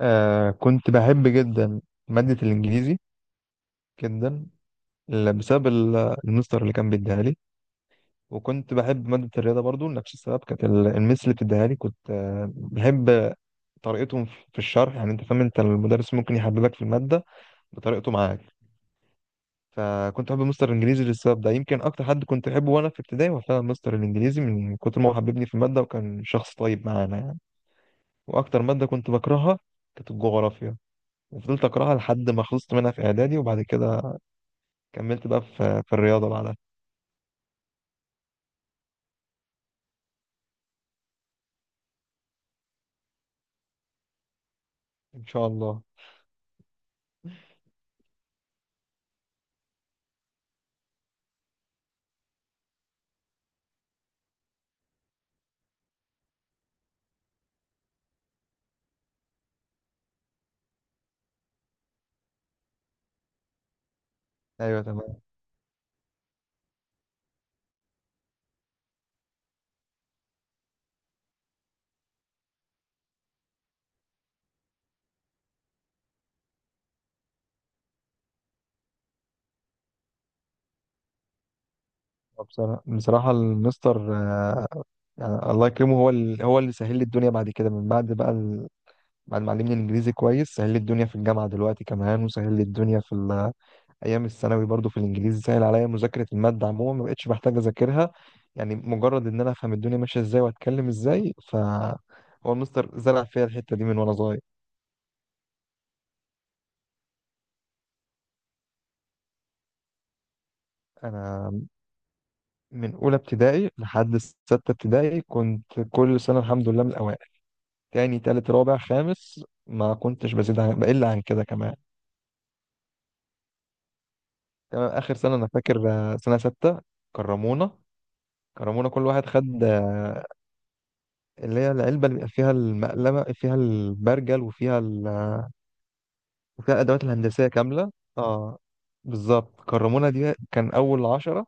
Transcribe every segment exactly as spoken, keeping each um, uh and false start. آه كنت بحب جدا مادة الإنجليزي جدا، ل- بسبب ال- المستر اللي كان بيديها لي. وكنت بحب مادة الرياضة برضو لنفس السبب، كانت ال- المس اللي بتديها لي كنت آه بحب طريقتهم في في الشرح. يعني أنت فاهم، أنت المدرس ممكن يحببك في المادة بطريقته معاك. فكنت بحب مستر الإنجليزي للسبب ده. يمكن أكتر حد كنت أحبه وأنا في ابتدائي هو فعلا مستر الإنجليزي، من كتر ما هو حببني في المادة وكان شخص طيب معانا يعني. وأكتر مادة كنت بكرهها كانت الجغرافيا، وفضلت أكرهها لحد ما خلصت منها في إعدادي. وبعد كده كملت بقى في في الرياضة بعدها. ان شاء الله. ايوه، تمام. بصراحة بصراحة المستر، آه، يعني الله يكرمه، هو ال- هو اللي سهل لي الدنيا بعد كده، من بعد بقى ال... بعد ما علمني الانجليزي كويس سهل لي الدنيا في الجامعة دلوقتي كمان، وسهل لي الدنيا في ال... ايام الثانوي. برضو في الانجليزي سهل عليا مذاكرة المادة عموما، ما بقتش محتاج اذاكرها. يعني مجرد ان انا افهم الدنيا ماشية ازاي واتكلم ازاي، ف هو المستر زرع فيا الحتة دي من وانا صغير. انا من اولى ابتدائي لحد سته ابتدائي كنت كل سنه الحمد لله من الاوائل. تاني، تالت، رابع، خامس، ما كنتش بزيد عن بقل عن كده كمان. تمام. اخر سنه انا فاكر، آه، سنه سته، كرمونا. كرمونا كل واحد خد آه، اللي هي العلبه اللي بيبقى فيها المقلمه، فيها البرجل وفيها ال... وفيها الادوات الهندسيه كامله. اه، بالظبط. كرمونا دي كان اول عشرة.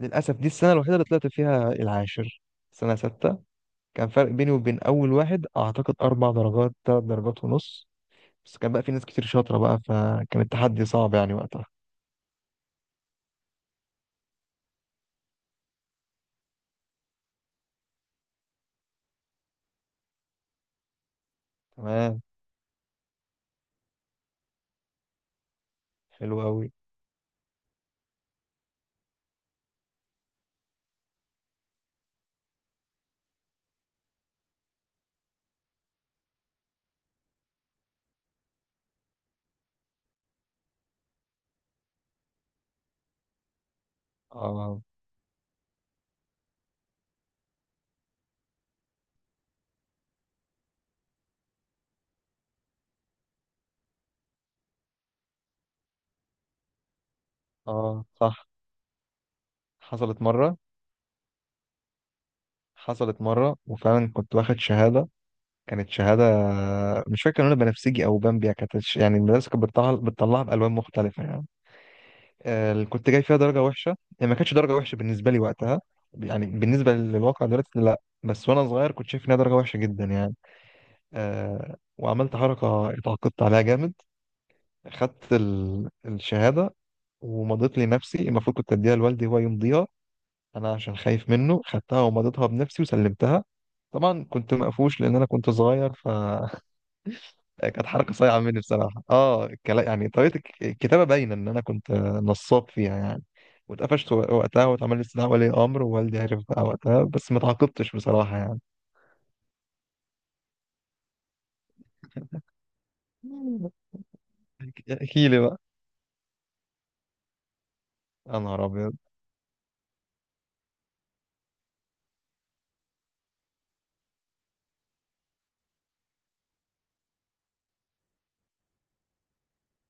للاسف دي السنه الوحيده اللي طلعت فيها العاشر، سنه سته. كان فرق بيني وبين اول واحد اعتقد اربع درجات، ثلاث درجات ونص. بس كان بقى في ناس كتير شاطره بقى، فكان التحدي صعب يعني وقتها. تمام. حلو قوي. اه. اه صح. حصلت مره. حصلت مره وفعلا كنت واخد شهاده. كانت شهاده مش فاكر كان لونها بنفسجي او بامبيا. كانت الش- يعني المدرسه كانت بتطلع بتطلعها بالوان مختلفه يعني. آه اللي كنت جاي فيها درجه وحشه، يعني ما كانتش درجه وحشه بالنسبه لي وقتها. يعني بالنسبه للواقع دلوقتي لا، بس وانا صغير كنت شايف انها درجه وحشه جدا يعني. آه، وعملت حركة اتعاقدت عليها جامد. خدت ال- الشهادة ومضيت لنفسي. المفروض كنت أديها لوالدي هو يمضيها، أنا عشان خايف منه خدتها ومضيتها بنفسي وسلمتها. طبعا كنت مقفوش لأن أنا كنت صغير، فكانت حركة صايعة مني بصراحة. اه الكلا- يعني طريقة الك- الكتابة باينة إن أنا كنت نصاب فيها يعني. واتقفشت وقتها واتعمل لي استدعاء ولي امر ووالدي عرف بقى وقتها، بس ما تعاقبتش بصراحه يعني. احكي لي بقى. يا نهار ابيض.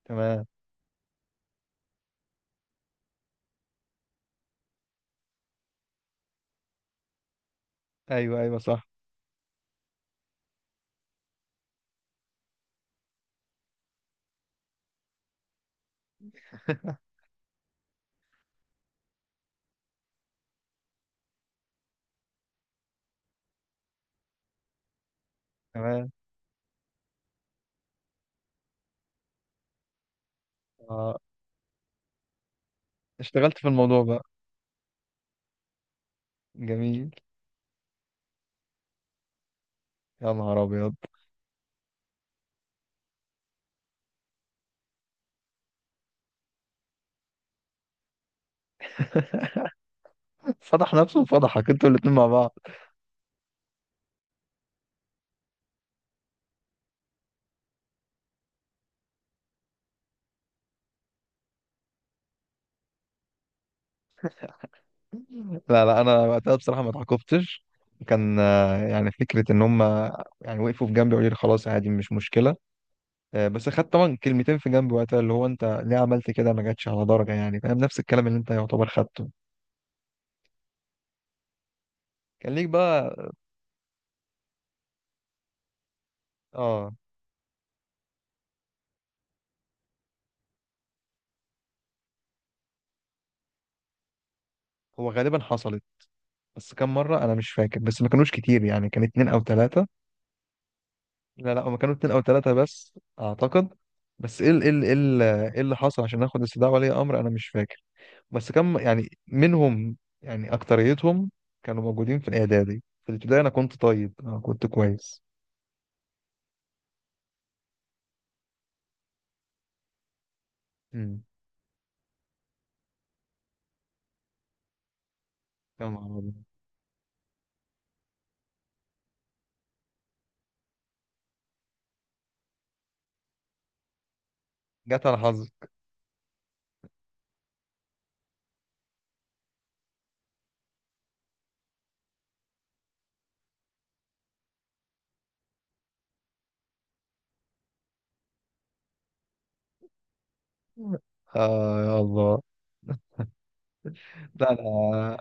تمام. ايوه، ايوه، صح. تمام. آه، اشتغلت في الموضوع بقى. جميل. يا نهار ابيض. فضح نفسه وفضحك انتوا الاتنين مع بعض. لا لا انا وقتها بصراحه ما اتعاقبتش. كان آه، يعني فكره ان هم، يعني وقفوا في جنبي وقالوا لي خلاص عادي مش مشكله. آه، بس خدت طبعا كلمتين في جنبي وقتها، اللي هو انت ليه عملت كده؟ ما جاتش على درجه يعني. فاهم؟ نفس الكلام اللي انت يعتبر خدته. كان ليك بقى. اه. هو غالبا حصلت بس كم مره انا مش فاكر، بس ما كانوش كتير، يعني كان اتنين او تلاته. لا لا هما كانوا اتنين او تلاتة بس اعتقد. بس ايه ال- ايه ال- ايه ال- ايه اللي حصل عشان اخد استدعاء ولي امر انا مش فاكر، بس كم يعني منهم. يعني اكتريتهم كانوا موجودين في الاعدادي، في الابتدائي انا كنت طيب، انا كنت كويس. امم، يا نهار أبيض. جت على حظي. آه يا الله. لا انا.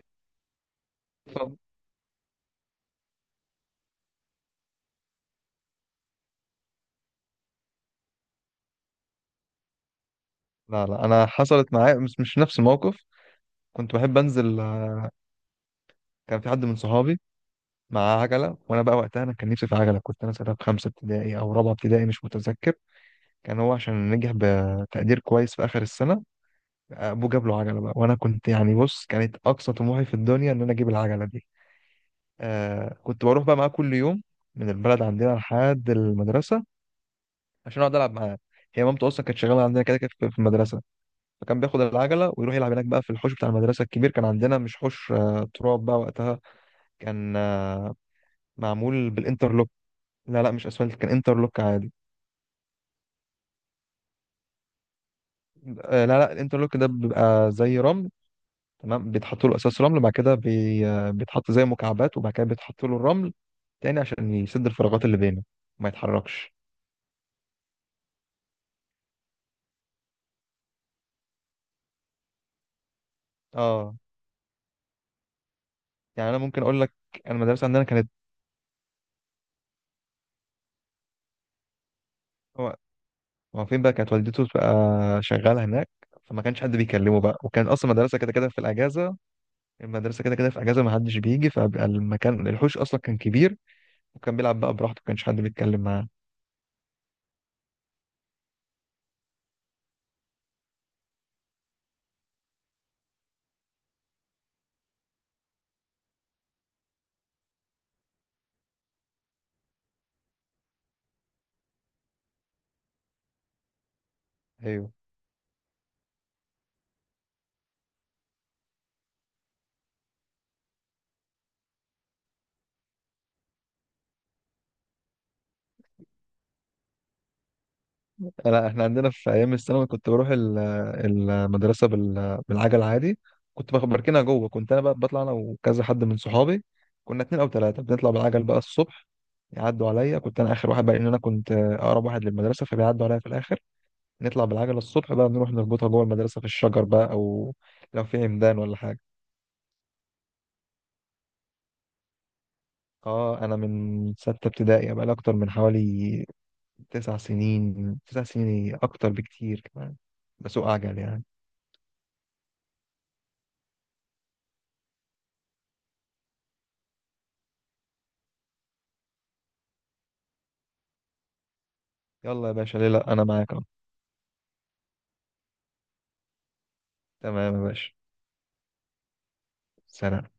لا لا انا حصلت معايا، مش مش نفس الموقف. كنت بحب انزل، آه، كان في حد من صحابي معاه عجله، وانا بقى وقتها انا كان نفسي في عجله. كنت انا ساعتها في خمسه ابتدائي او رابعه ابتدائي مش متذكر. كان هو عشان نجح بتقدير كويس في اخر السنه ابوه جاب له عجله بقى. وانا كنت يعني بص كانت اقصى طموحي في الدنيا ان انا اجيب العجله دي. آه كنت بروح بقى معاه كل يوم من البلد عندنا لحد المدرسه عشان اقعد العب معاه. هي مامته اصلا كانت شغاله عندنا كده كده في في المدرسه. فكان بياخد العجله ويروح يلعب هناك بقى في الحوش بتاع المدرسه الكبير. كان عندنا مش حوش آه تراب بقى وقتها، كان آه معمول بالانترلوك. لا لا مش اسفلت، كان انترلوك عادي. آه لا لا الانترلوك ده بيبقى زي رمل. تمام، بيتحط له اساس رمل وبعد كده بي... آه، بيتحط زي مكعبات وبعد كده بيتحط له الرمل تاني عشان يسد الفراغات اللي بينه وما يتحركش. اه. يعني انا ممكن اقول لك، انا المدرسه عندنا كانت، هو هو فين بقى كانت والدته بقى شغاله هناك، فما كانش حد بيكلمه بقى. وكان اصلا المدرسه كده كده في الاجازه، المدرسه كده كده في اجازه ما حدش بيجي، فبقى المكان الحوش اصلا كان كبير وكان بيلعب بقى براحته ما كانش حد بيتكلم معاه. ايوه. لا احنا عندنا في ايام الثانوي كنت بروح ال- المدرسه بال- بالعجل عادي. كنت باخد- بركنها جوه. كنت انا بقى بطلع انا وكذا حد من صحابي، كنا اتنين او تلاته بنطلع بالعجل بقى الصبح. يعدوا عليا، كنت انا اخر واحد بقى لان انا كنت اقرب واحد للمدرسه فبيعدوا عليا في الاخر. نطلع بالعجله الصبح بقى نروح نربطها جوه المدرسه في الشجر بقى، او لو في عمدان ولا حاجه. اه انا من سته ابتدائي بقى لي اكتر من حوالي تسع سنين. تسع سنين إيه، اكتر بكتير كمان بسوق عجل يعني. يلا يا باشا، ليه لا، انا معاك. تمام يا باشا. سلام.